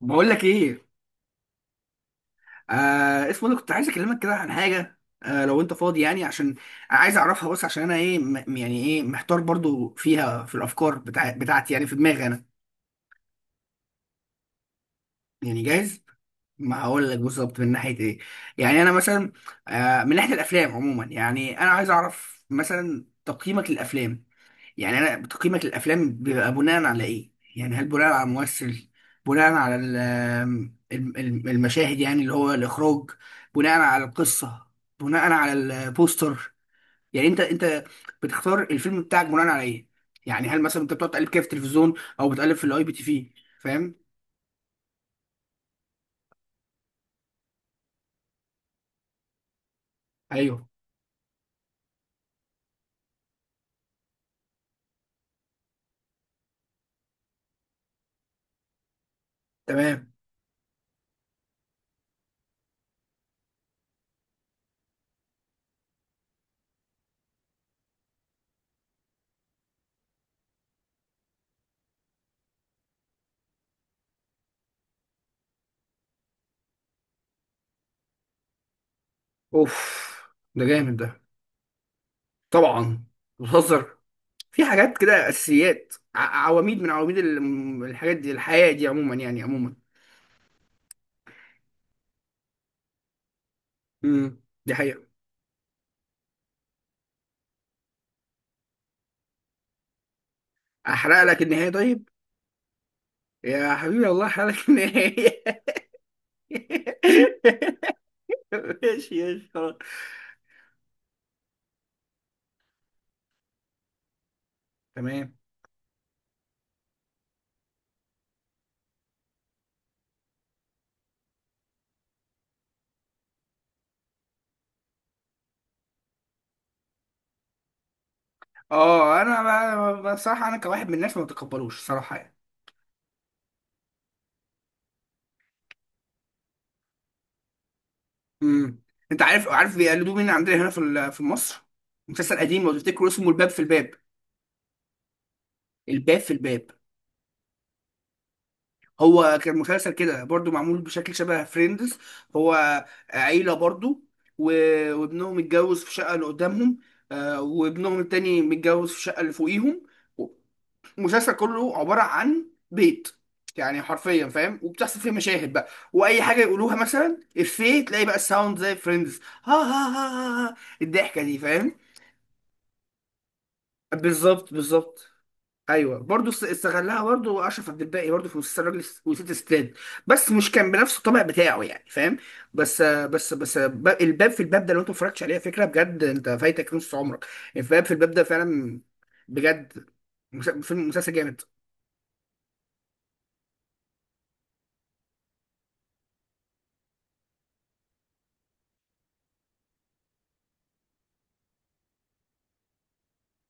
بقول لك ايه؟ اسمه ده، كنت عايز اكلمك كده عن حاجه. لو انت فاضي يعني، عشان عايز اعرفها. بس عشان انا ايه يعني ايه، محتار برضو فيها، في الافكار بتاعتي يعني، في دماغي انا، يعني جاهز. ما هقول لك بالظبط من ناحيه ايه. يعني انا مثلا من ناحيه الافلام عموما، يعني انا عايز اعرف مثلا تقييمك للافلام. يعني انا تقييمك للافلام بيبقى بناء على ايه؟ يعني هل بناء على ممثل، بناء على المشاهد يعني اللي هو الاخراج، بناء على القصه، بناء على البوستر؟ يعني انت بتختار الفيلم بتاعك بناء على ايه؟ يعني هل مثلا انت بتقعد تقلب كده في التلفزيون او بتقلب في الاي بي تي في؟ فاهم؟ ايوه، تمام. اوف، ده جامد ده. طبعا، بتهزر؟ في حاجات كده اساسيات، عواميد من عواميد الحاجات دي، الحياه دي عموما يعني، عموما. دي حقيقة. احرق لك النهاية طيب؟ يا حبيبي الله، احرق لك النهاية. ماشي. خلاص. تمام. اه، انا بصراحة انا كواحد من الناس ما بتقبلوش صراحة يعني. امم. انت عارف بيقلدوه مين عندنا هنا في مصر؟ مسلسل قديم لو تفتكروا، اسمه الباب في الباب. الباب في الباب. هو كان مسلسل كده برضو معمول بشكل شبه فريندز. هو عيلة برضو، وابنهم اتجوز في شقة اللي قدامهم، وابنهم التاني متجوز في الشقة اللي فوقيهم. المسلسل كله عبارة عن بيت يعني، حرفيا، فاهم؟ وبتحصل فيه مشاهد بقى، واي حاجه يقولوها مثلا افيه، تلاقي بقى الساوند زي فريندز، ها ها ها ها ها، الضحكه دي، فاهم؟ بالظبط بالظبط. ايوه، برضه استغلها برضه اشرف عبد الباقي، برضه في مسلسل راجل وست ستات، بس مش كان بنفس الطبع بتاعه يعني، فاهم؟ الباب في الباب ده لو انت ما اتفرجتش عليه، فكره بجد انت فايتك نص عمرك. الباب في الباب ده فعلا، بجد، فيلم مسلسل جامد.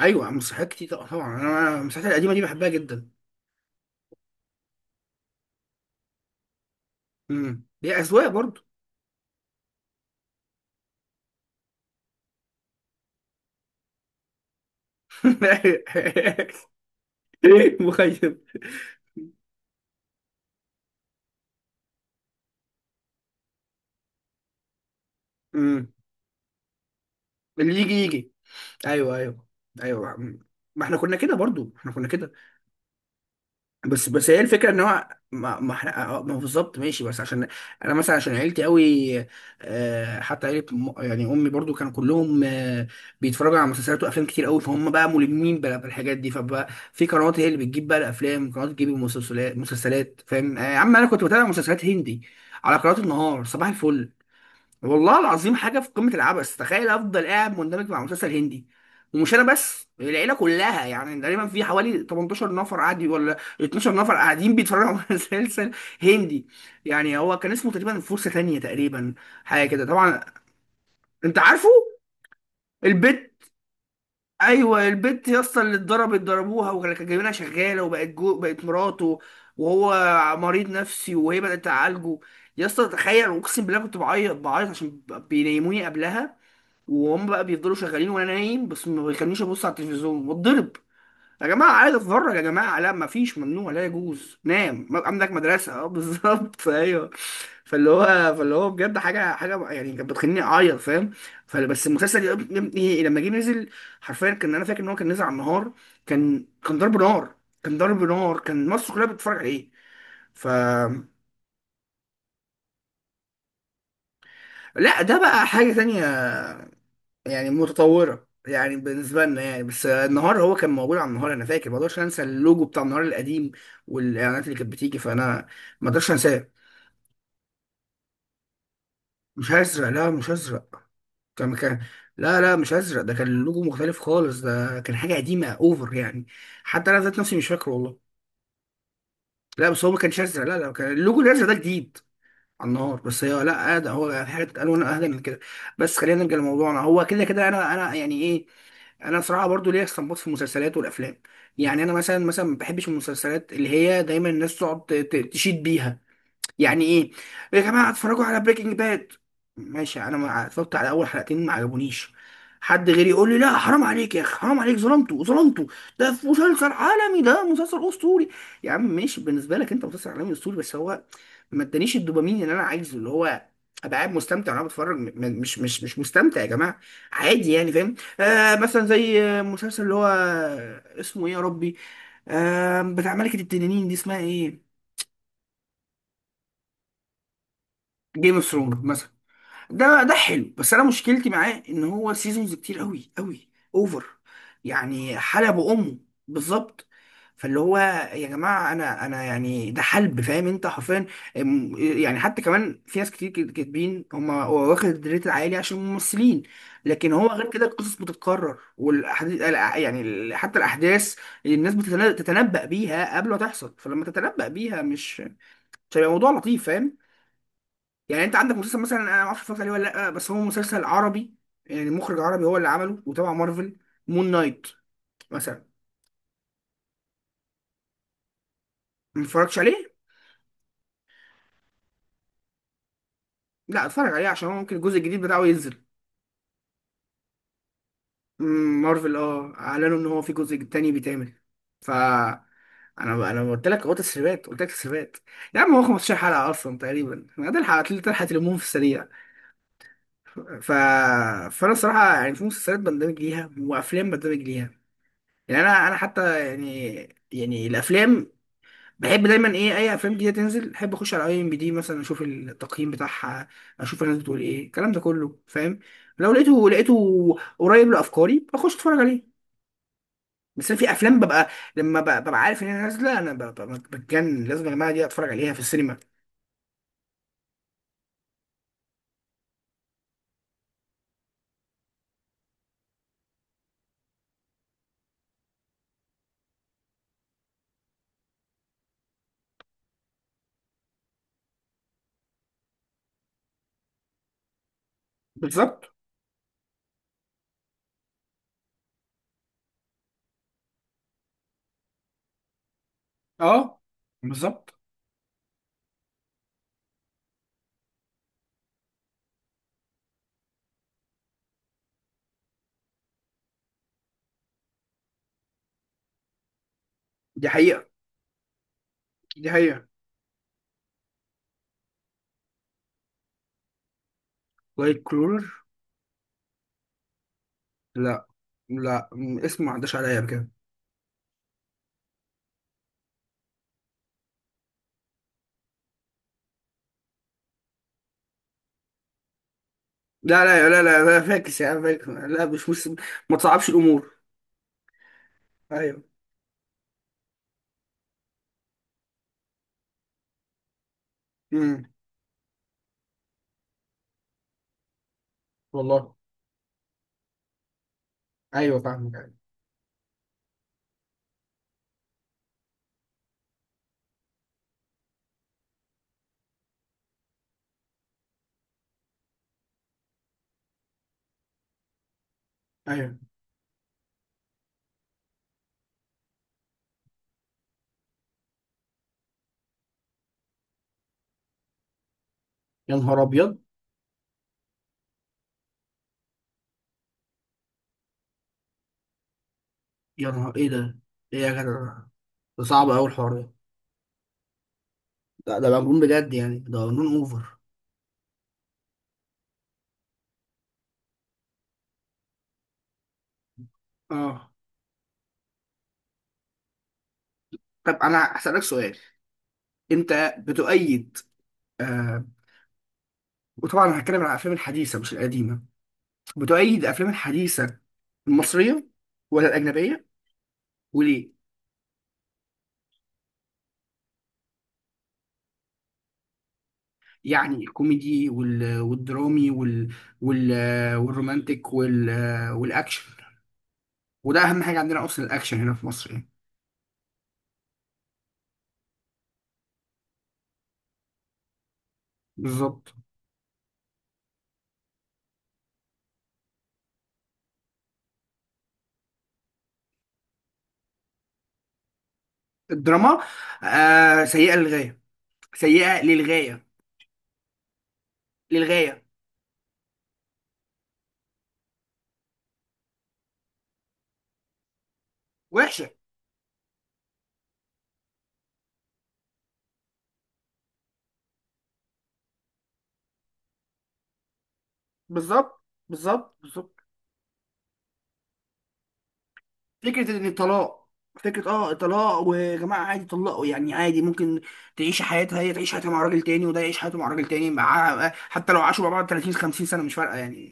ايوه مسرحيات كتير، طبعا طبعاً. انا المسرحيات القديمه دي بحبها جدا. هي اذواق برضه. مخيب. امم اللي يجي يجي. ايوه ايوه، ايوه. ما احنا كنا كده برضه، احنا كنا كده. بس هي الفكره، ان هو ما احنا، ما هو بالظبط، ماشي، بس عشان انا مثلا عشان عيلتي قوي، حتى عيله يعني امي برضو كانوا كلهم بيتفرجوا على مسلسلات وافلام كتير قوي، فهم بقى ملمين بالحاجات دي. فبقى في قنوات هي اللي بتجيب بقى الافلام، قنوات بتجيب المسلسلات، مسلسلات، فاهم؟ يا عم انا كنت بتابع مسلسلات هندي على قناه النهار صباح الفل. والله العظيم حاجه في قمه العبث، تخيل افضل قاعد مندمج مع مسلسل هندي. ومش انا بس، العيله كلها يعني، تقريبا في حوالي 18 نفر قاعد، ولا 12 نفر قاعدين بيتفرجوا على مسلسل هندي. يعني هو كان اسمه تقريبا فرصه ثانيه تقريبا، حاجه كده طبعا. انت عارفه، البت. ايوه، البت يا اسطى اللي اتضربت ضربوها، وكان كان جايبينها شغاله، وبقت جو، بقت مراته، وهو مريض نفسي وهي بدات تعالجه. يا اسطى تخيل، اقسم بالله كنت بعيط بعيط عشان بينيموني قبلها، وهم بقى بيفضلوا شغالين وانا نايم بس، ما بيخلينيش ابص على التلفزيون واتضرب. يا جماعه عايز اتفرج، يا جماعه لا، ما فيش، ممنوع، لا يجوز، نام، عندك مدرسه، اه بالظبط. ايوه. فاللي هو بجد حاجه حاجه يعني، كانت بتخليني اعيط، فاهم؟ فبس المسلسل يا ابني لما جه نزل، حرفيا، كان انا فاكر ان هو كان نزل على النهار، كان ضرب نار، كان ضرب نار، كان مصر كلها بتتفرج عليه. ف لا ده بقى حاجه تانية، يعني متطورة يعني بالنسبة لنا يعني، بس النهار هو كان موجود على النهار. أنا فاكر ما أقدرش أنسى اللوجو بتاع النهار القديم والإعلانات اللي كانت بتيجي، فأنا ما أقدرش أنساه. مش هزرق، لا مش هزرق، كان. لا لا، مش هزرق، ده كان اللوجو مختلف خالص، ده كان حاجة قديمة أوفر يعني. حتى أنا ذات نفسي مش فاكره والله. لا بس هو ما كانش أزرق، لا لا، كان اللوجو الأزرق ده جديد على النهار، بس هي لا، ده هو في حاجة ألوان أهدى من كده. بس خلينا نرجع لموضوعنا. هو كده كده، أنا يعني إيه، انا صراحه برضو ليا استنباط في المسلسلات والافلام. يعني انا مثلا ما بحبش المسلسلات اللي هي دايما الناس تقعد تشيد بيها. يعني ايه يا جماعه، اتفرجوا على بريكنج باد. ماشي انا ما اتفرجت على اول حلقتين، ما عجبونيش. حد غيري يقول لي لا حرام عليك يا اخي، حرام عليك، ظلمته ظلمته، ده في مسلسل عالمي، ده مسلسل اسطوري. يا عم ماشي، بالنسبه لك انت مسلسل عالمي اسطوري، بس هو ما ادانيش الدوبامين اللي انا عايزه، اللي هو ابقى قاعد مستمتع وانا بتفرج، مش مستمتع يا جماعه، عادي يعني، فاهم؟ آه، مثلا زي، مسلسل اللي هو اسمه ايه يا ربي، بتاع ملكه التنانين دي اسمها ايه؟ جيم اوف ثرونز. ده حلو، بس انا مشكلتي معاه ان هو سيزونز كتير قوي قوي، اوفر يعني، حلب امه. بالظبط. فاللي هو، يا جماعه انا يعني ده حلب، فاهم انت حرفيا؟ أم- يعني حتى كمان في ناس كتير كاتبين هم هو واخد الريت العالي عشان ممثلين، لكن هو غير كده القصص بتتكرر والاحاديث، يعني حتى الاحداث الناس بتتنبأ بيها قبل ما تحصل، فلما تتنبأ بيها مش هيبقى موضوع لطيف، فاهم؟ يعني انت عندك مسلسل مثلا، انا ما اعرفش اتفرجت عليه ولا لا، بس هو مسلسل عربي يعني، مخرج عربي هو اللي عمله وتبع مارفل، مون نايت مثلا. ما اتفرجتش عليه. لا اتفرج عليه، عشان هو ممكن الجزء الجديد بتاعه ينزل. مارفل اه اعلنوا ان هو في جزء تاني بيتعمل. ف انا قلت لك اهو، تسريبات قلت لك، تسريبات. يا عم هو 15 حلقه اصلا تقريبا، ما ده الحلقه اللي تلحق تلمهم في السريع. ف... فانا الصراحه يعني في مسلسلات بندمج ليها وافلام بندمج ليها. يعني انا حتى يعني، يعني الافلام بحب دايما ايه، اي افلام جديده تنزل بحب اخش على اي ام بي دي مثلا، اشوف التقييم بتاعها، اشوف الناس بتقول ايه الكلام ده كله، فاهم؟ لو لقيته لقيته قريب لافكاري بخش اتفرج عليه. بس أنا في افلام ببقى، لما ببقى عارف ان هي نازله انا بتجنن، لازم يا جماعه دي اتفرج عليها في السينما. بالظبط، اه بالظبط. دي حقيقه، دي حقيقه. وايت كلور. لا لا، اسمه ما عداش عليا بكده. لا لا لا لا لا، فاكس يا عم، فاكس. لا مش ما تصعبش الامور. ايوه. امم والله، ايوه، فاهمك، ايوه. ايوه، يا نهار ابيض، يا نهار ايه ده، ايه يا جدع؟ ده صعب قوي الحوار ده. لا ده مجنون بجد يعني، ده مجنون اوفر. اه. طب انا هسألك سؤال، انت بتؤيد، آه وطبعا انا هتكلم عن الافلام الحديثه مش القديمه، بتؤيد الافلام الحديثه المصريه ولا الاجنبيه؟ وليه؟ يعني الكوميدي والدرامي وال... والرومانتك والاكشن، وده اهم حاجه عندنا اصلا، الاكشن هنا في مصر يعني. بالظبط. الدراما سيئة للغاية، سيئة للغاية، للغاية، وحشة. بالظبط بالظبط بالظبط. فكرة ان الطلاق، فكرة الطلاق ويا جماعة عادي طلقوا يعني، عادي ممكن تعيش حياتها، هي تعيش حياتها مع راجل تاني وده يعيش حياته مع راجل تاني، مع حتى لو عاشوا مع بعض 30 50 سنة مش فارقة يعني.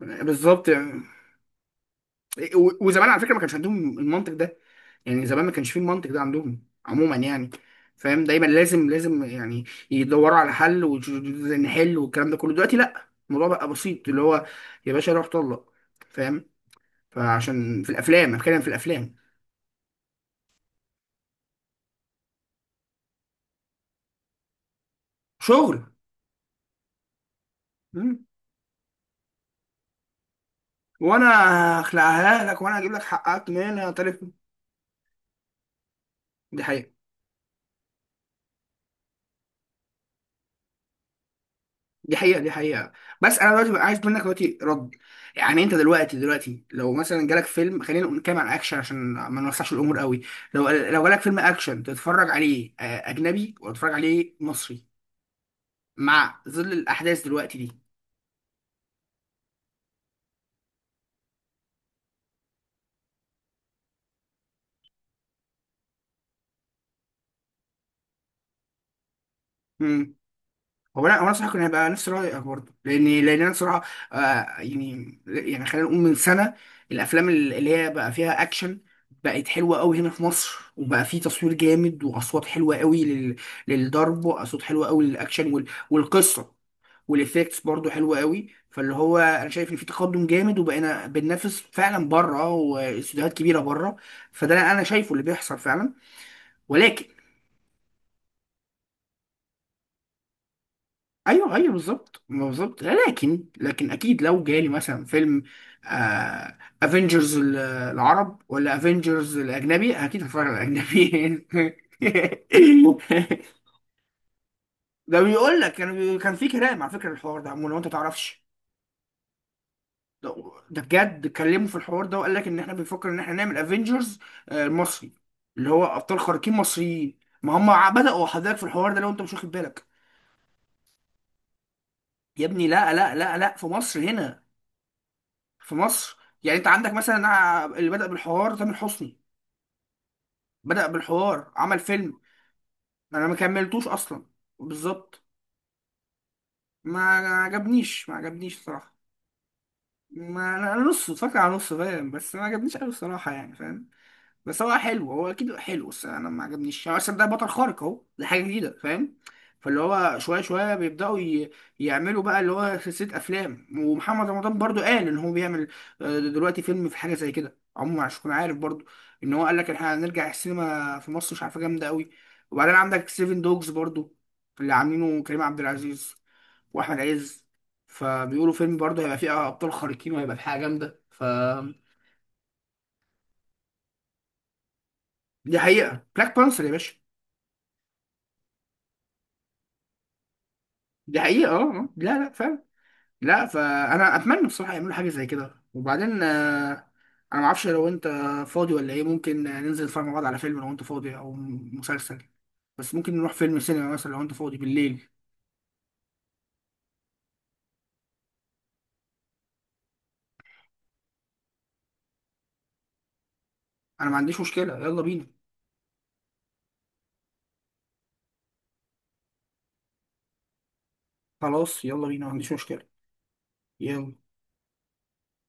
بالظبط. وزمان على فكره ما كانش عندهم المنطق ده، يعني زمان ما كانش فيه المنطق ده عندهم عموما يعني، فاهم؟ دايما لازم لازم يعني يدوروا على حل ونحل والكلام ده كله. دلوقتي لا، الموضوع بقى بسيط، اللي هو يا باشا روح طلق، فاهم؟ فعشان في الافلام، أنا بتكلم في الافلام. شغل. مم. وانا هخلعها لك، وانا هجيب لك حقك منها طرف. دي حقيقة، دي حقيقة، دي حقيقة. بس انا دلوقتي بقى عايز منك دلوقتي رد. يعني انت دلوقتي لو مثلا جالك فيلم، خلينا نتكلم عن اكشن عشان ما نوسعش الامور قوي. لو جالك فيلم اكشن تتفرج عليه اجنبي، ولا تتفرج عليه مصري، مع ظل الاحداث دلوقتي؟ دي، هو انا، هو انا صراحه كان هيبقى نفس رايك برضه، لان انا صراحه، آه يعني يعني خلينا نقول من سنه، الافلام اللي هي بقى فيها اكشن بقت حلوه قوي هنا في مصر، وبقى في تصوير جامد واصوات حلوه قوي للضرب، واصوات حلوه قوي للاكشن والقصه والافكتس برضه حلوه قوي، فاللي هو انا شايف ان في تقدم جامد، وبقينا بننافس فعلا بره، واستوديوهات كبيره بره. فده انا شايفه اللي بيحصل فعلا، ولكن، ايوه ايوه بالظبط، ما بالظبط، لكن اكيد لو جالي مثلا فيلم، آه، افنجرز العرب ولا افنجرز الاجنبي، اكيد هتفرج على الاجنبي. ده بيقول لك كان كان في كلام على فكره، الحوار ده عمو لو انت تعرفش. ده بجد اتكلموا في الحوار ده، وقال لك ان احنا بنفكر ان احنا نعمل افنجرز المصري، اللي هو ابطال خارقين مصريين، ما هم بدأوا حضرتك في الحوار ده لو انت مش واخد بالك. يا ابني لا لا لا لا، في مصر هنا، في مصر. يعني انت عندك مثلا، انا اللي بدأ بالحوار تامر حسني، بدأ بالحوار عمل فيلم. انا ما كملتوش اصلا، بالظبط. ما عجبنيش، ما عجبنيش صراحة. ما انا، أنا نص اتفرجت على نص، فاهم؟ بس ما عجبنيش قوي الصراحة يعني، فاهم؟ بس هو حلو، هو اكيد حلو، بس انا ما عجبنيش هو اصلا، ده بطل خارق اهو، ده حاجه جديده، فاهم؟ فاللي هو شويه شويه بيبداوا يعملوا بقى اللي هو سلسله افلام، ومحمد رمضان برضو قال ان هو بيعمل دلوقتي فيلم في حاجه زي كده عموما، عشان تكون عارف برضو ان هو قال لك احنا هنرجع السينما في مصر مش عارفه جامده قوي. وبعدين عندك سيفن دوجز برضو، اللي عاملينه كريم عبد العزيز واحمد عز، فبيقولوا فيلم برضو هيبقى فيه ابطال خارقين، وهيبقى في حاجه جامده. دي حقيقه، بلاك بانثر يا باشا. دي حقيقة، لا لا فعلا، لا، فأنا أتمنى بصراحة يعملوا حاجة زي كده. وبعدين أنا معرفش لو أنت فاضي ولا إيه، ممكن ننزل نتفرج مع بعض على فيلم لو أنت فاضي أو مسلسل، بس ممكن نروح فيلم سينما مثلا لو أنت فاضي بالليل. أنا ما عنديش مشكلة، يلا بينا. خلاص يلا بينا، ما عنديش مشكلة. يلا.